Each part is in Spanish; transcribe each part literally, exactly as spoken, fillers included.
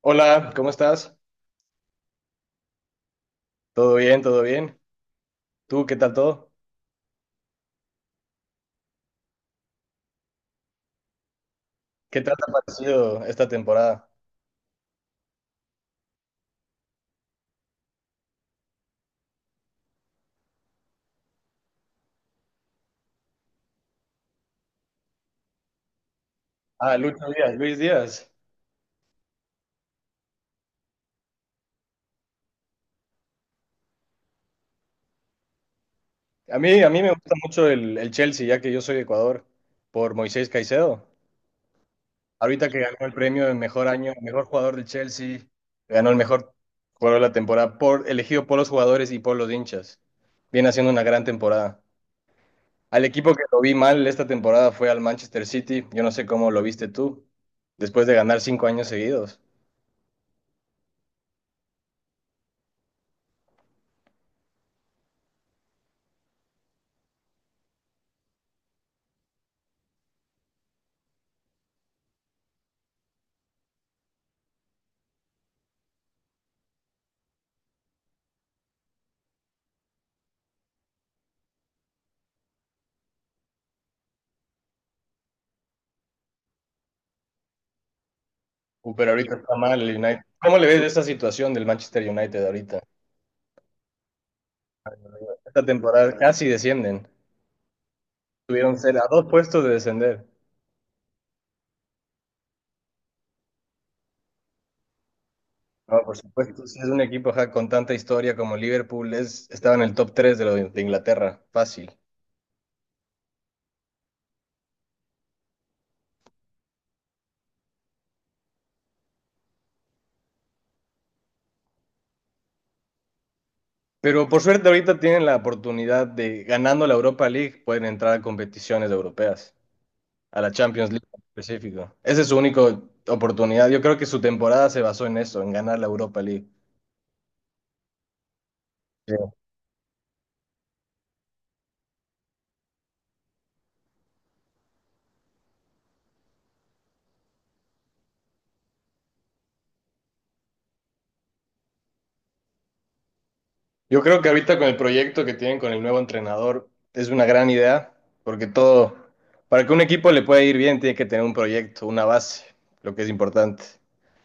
Hola, ¿cómo estás? ¿Todo bien? ¿Todo bien? ¿Tú qué tal todo? ¿Qué tal te ha parecido esta temporada? Ah, Lucho Díaz, Luis Díaz. A mí, a mí me gusta mucho el, el Chelsea, ya que yo soy de Ecuador, por Moisés Caicedo. Ahorita que ganó el premio de mejor año, mejor jugador del Chelsea, ganó el mejor jugador de la temporada, por, elegido por los jugadores y por los hinchas. Viene haciendo una gran temporada. Al equipo que lo vi mal esta temporada fue al Manchester City. Yo no sé cómo lo viste tú, después de ganar cinco años seguidos. Uh, pero ahorita está mal el United. ¿Cómo le ves esa situación del Manchester United ahorita? Esta temporada casi descienden. Tuvieron ser a dos puestos de descender. No, por supuesto, si es un equipo ajá, con tanta historia como Liverpool, es, estaba en el top tres de, lo de, de Inglaterra, fácil. Pero por suerte ahorita tienen la oportunidad de, ganando la Europa League, pueden entrar a competiciones europeas, a la Champions League en específico. Esa es su única oportunidad. Yo creo que su temporada se basó en eso, en ganar la Europa League. Eh, Yo creo que ahorita con el proyecto que tienen con el nuevo entrenador es una gran idea, porque todo, para que un equipo le pueda ir bien, tiene que tener un proyecto, una base, lo que es importante.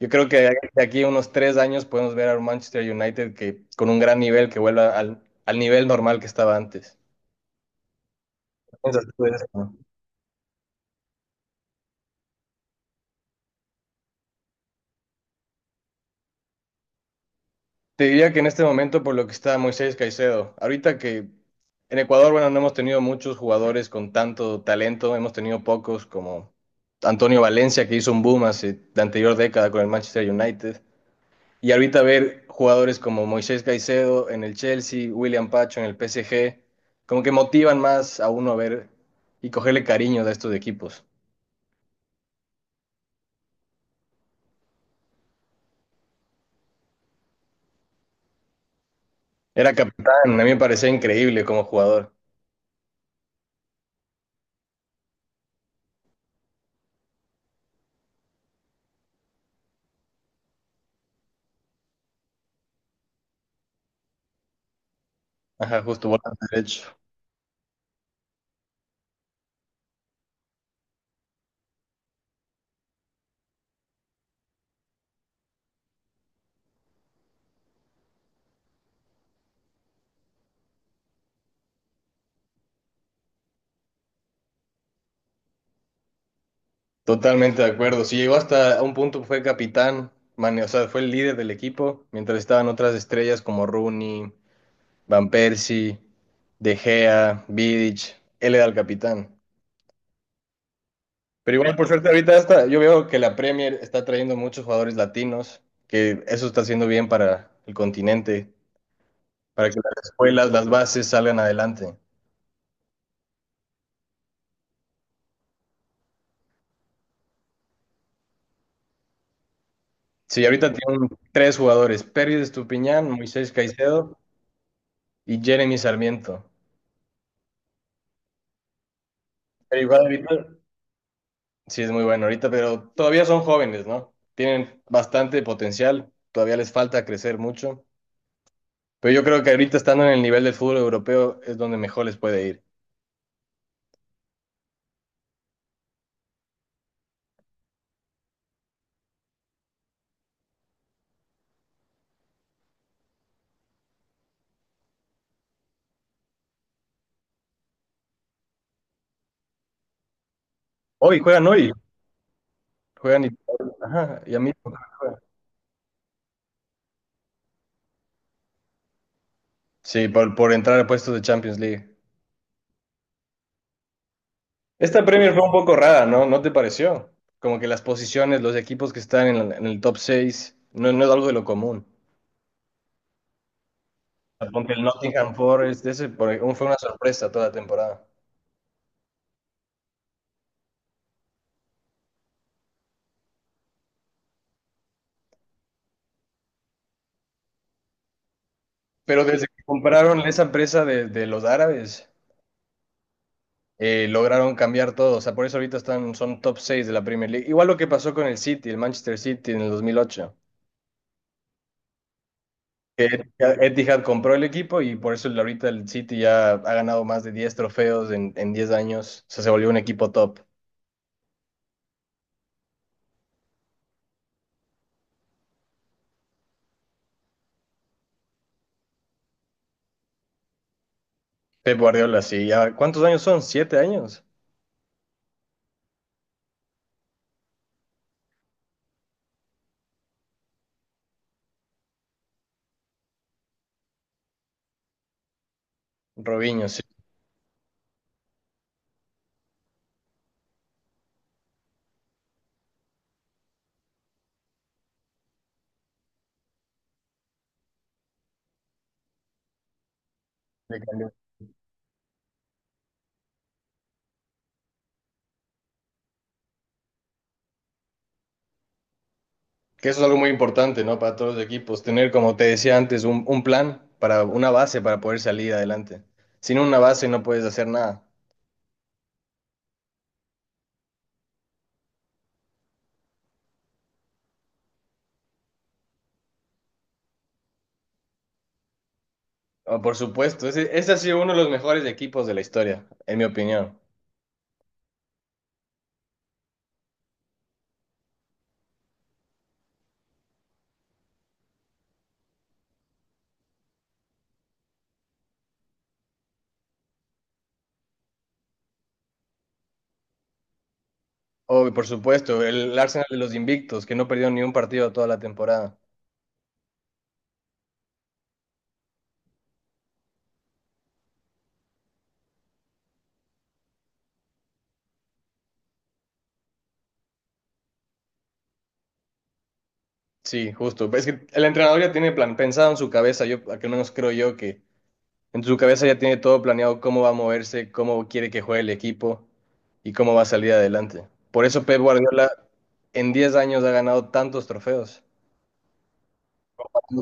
Yo creo que de aquí a unos tres años podemos ver a un Manchester United que con un gran nivel que vuelva al, al nivel normal que estaba antes. ¿Piensas tú de eso? Te diría que en este momento por lo que está Moisés Caicedo. Ahorita que en Ecuador, bueno, no hemos tenido muchos jugadores con tanto talento, hemos tenido pocos como Antonio Valencia, que hizo un boom hace la anterior década con el Manchester United. Y ahorita ver jugadores como Moisés Caicedo en el Chelsea, William Pacho en el P S G, como que motivan más a uno a ver y cogerle cariño a estos equipos. Era capitán, a mí me parecía increíble como jugador. Ajá, justo volante derecho. Totalmente de acuerdo. Si llegó hasta un punto, fue capitán, mane- o sea, fue el líder del equipo, mientras estaban otras estrellas como Rooney, Van Persie, De Gea, Vidic, él era el capitán. Pero igual, por suerte, ahorita está, yo veo que la Premier está trayendo muchos jugadores latinos, que eso está haciendo bien para el continente, para que las escuelas, las bases salgan adelante. Sí, ahorita tienen tres jugadores, Pervis Estupiñán, Moisés Caicedo y Jeremy Sarmiento. Pero igual, ahorita. Sí, es muy bueno ahorita, pero todavía son jóvenes, ¿no? Tienen bastante potencial, todavía les falta crecer mucho. Pero yo creo que ahorita estando en el nivel del fútbol europeo es donde mejor les puede ir. Hoy juegan hoy, juegan y, ajá, ya mismo. Sí, por, por entrar a puestos de Champions League. Esta Premier fue un poco rara, ¿no? ¿No te pareció? Como que las posiciones, los equipos que están en, la- en el top seis, no, no es algo de lo común. Ponte el Nottingham Forest, ese por- fue una sorpresa toda la temporada. Pero desde que compraron esa empresa de, de los árabes, eh, lograron cambiar todo. O sea, por eso ahorita están, son top seis de la Premier League. Igual lo que pasó con el City, el Manchester City en el dos mil ocho. Que Etihad, Etihad compró el equipo y por eso el- ahorita el City ya ha ganado más de diez trofeos en, en diez años. O sea, se volvió un equipo top. Pep Guardiola, sí. Ya, ¿cuántos años son? ¿Siete años? Robinho, sí. Que eso es algo muy importante, ¿no? Para todos los equipos, tener, como te decía antes, un, un plan para una base para poder salir adelante. Sin una base no puedes hacer nada. Oh, por supuesto, ese, ese ha sido uno de los mejores equipos de la historia, en mi opinión. Oh, y por supuesto, el Arsenal de los invictos, que no perdió ni un partido toda la temporada. Sí, justo. Es que el entrenador ya tiene plan, pensado en su cabeza, yo al menos creo yo que. En su cabeza ya tiene todo planeado cómo va a moverse, cómo quiere que juegue el equipo y cómo va a salir adelante. Por eso Pep Guardiola en diez años ha ganado tantos trofeos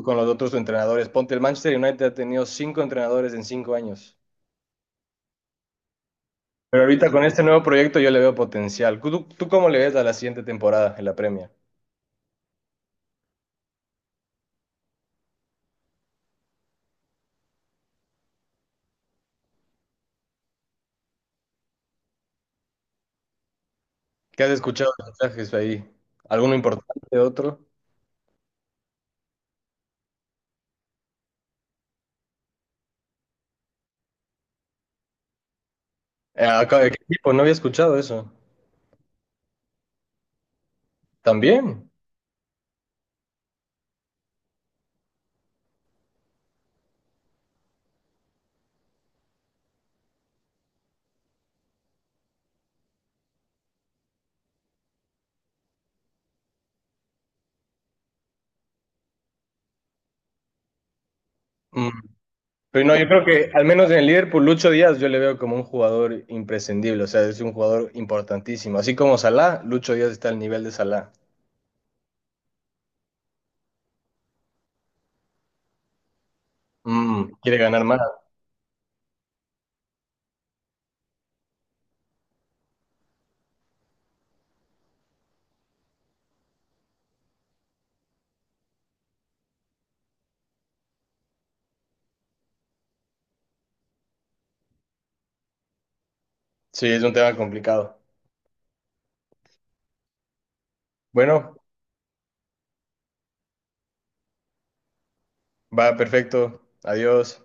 con los otros entrenadores. Ponte, el Manchester United ha tenido cinco entrenadores en cinco años. Pero ahorita con este nuevo proyecto yo le veo potencial. ¿Tú, tú cómo le ves a la siguiente temporada en la Premier? ¿Qué has escuchado de mensajes ahí? ¿Alguno importante, otro? Eh, acá, ¿de ¿qué equipo? No había escuchado eso. ¿También? Mm. Pero no, yo creo que al menos en el Liverpool, Lucho Díaz yo le veo como un jugador imprescindible, o sea, es un jugador importantísimo. Así como Salah, Lucho Díaz está al nivel de Salah. Mm, quiere ganar más. Sí, es un tema complicado. Bueno, va perfecto. Adiós.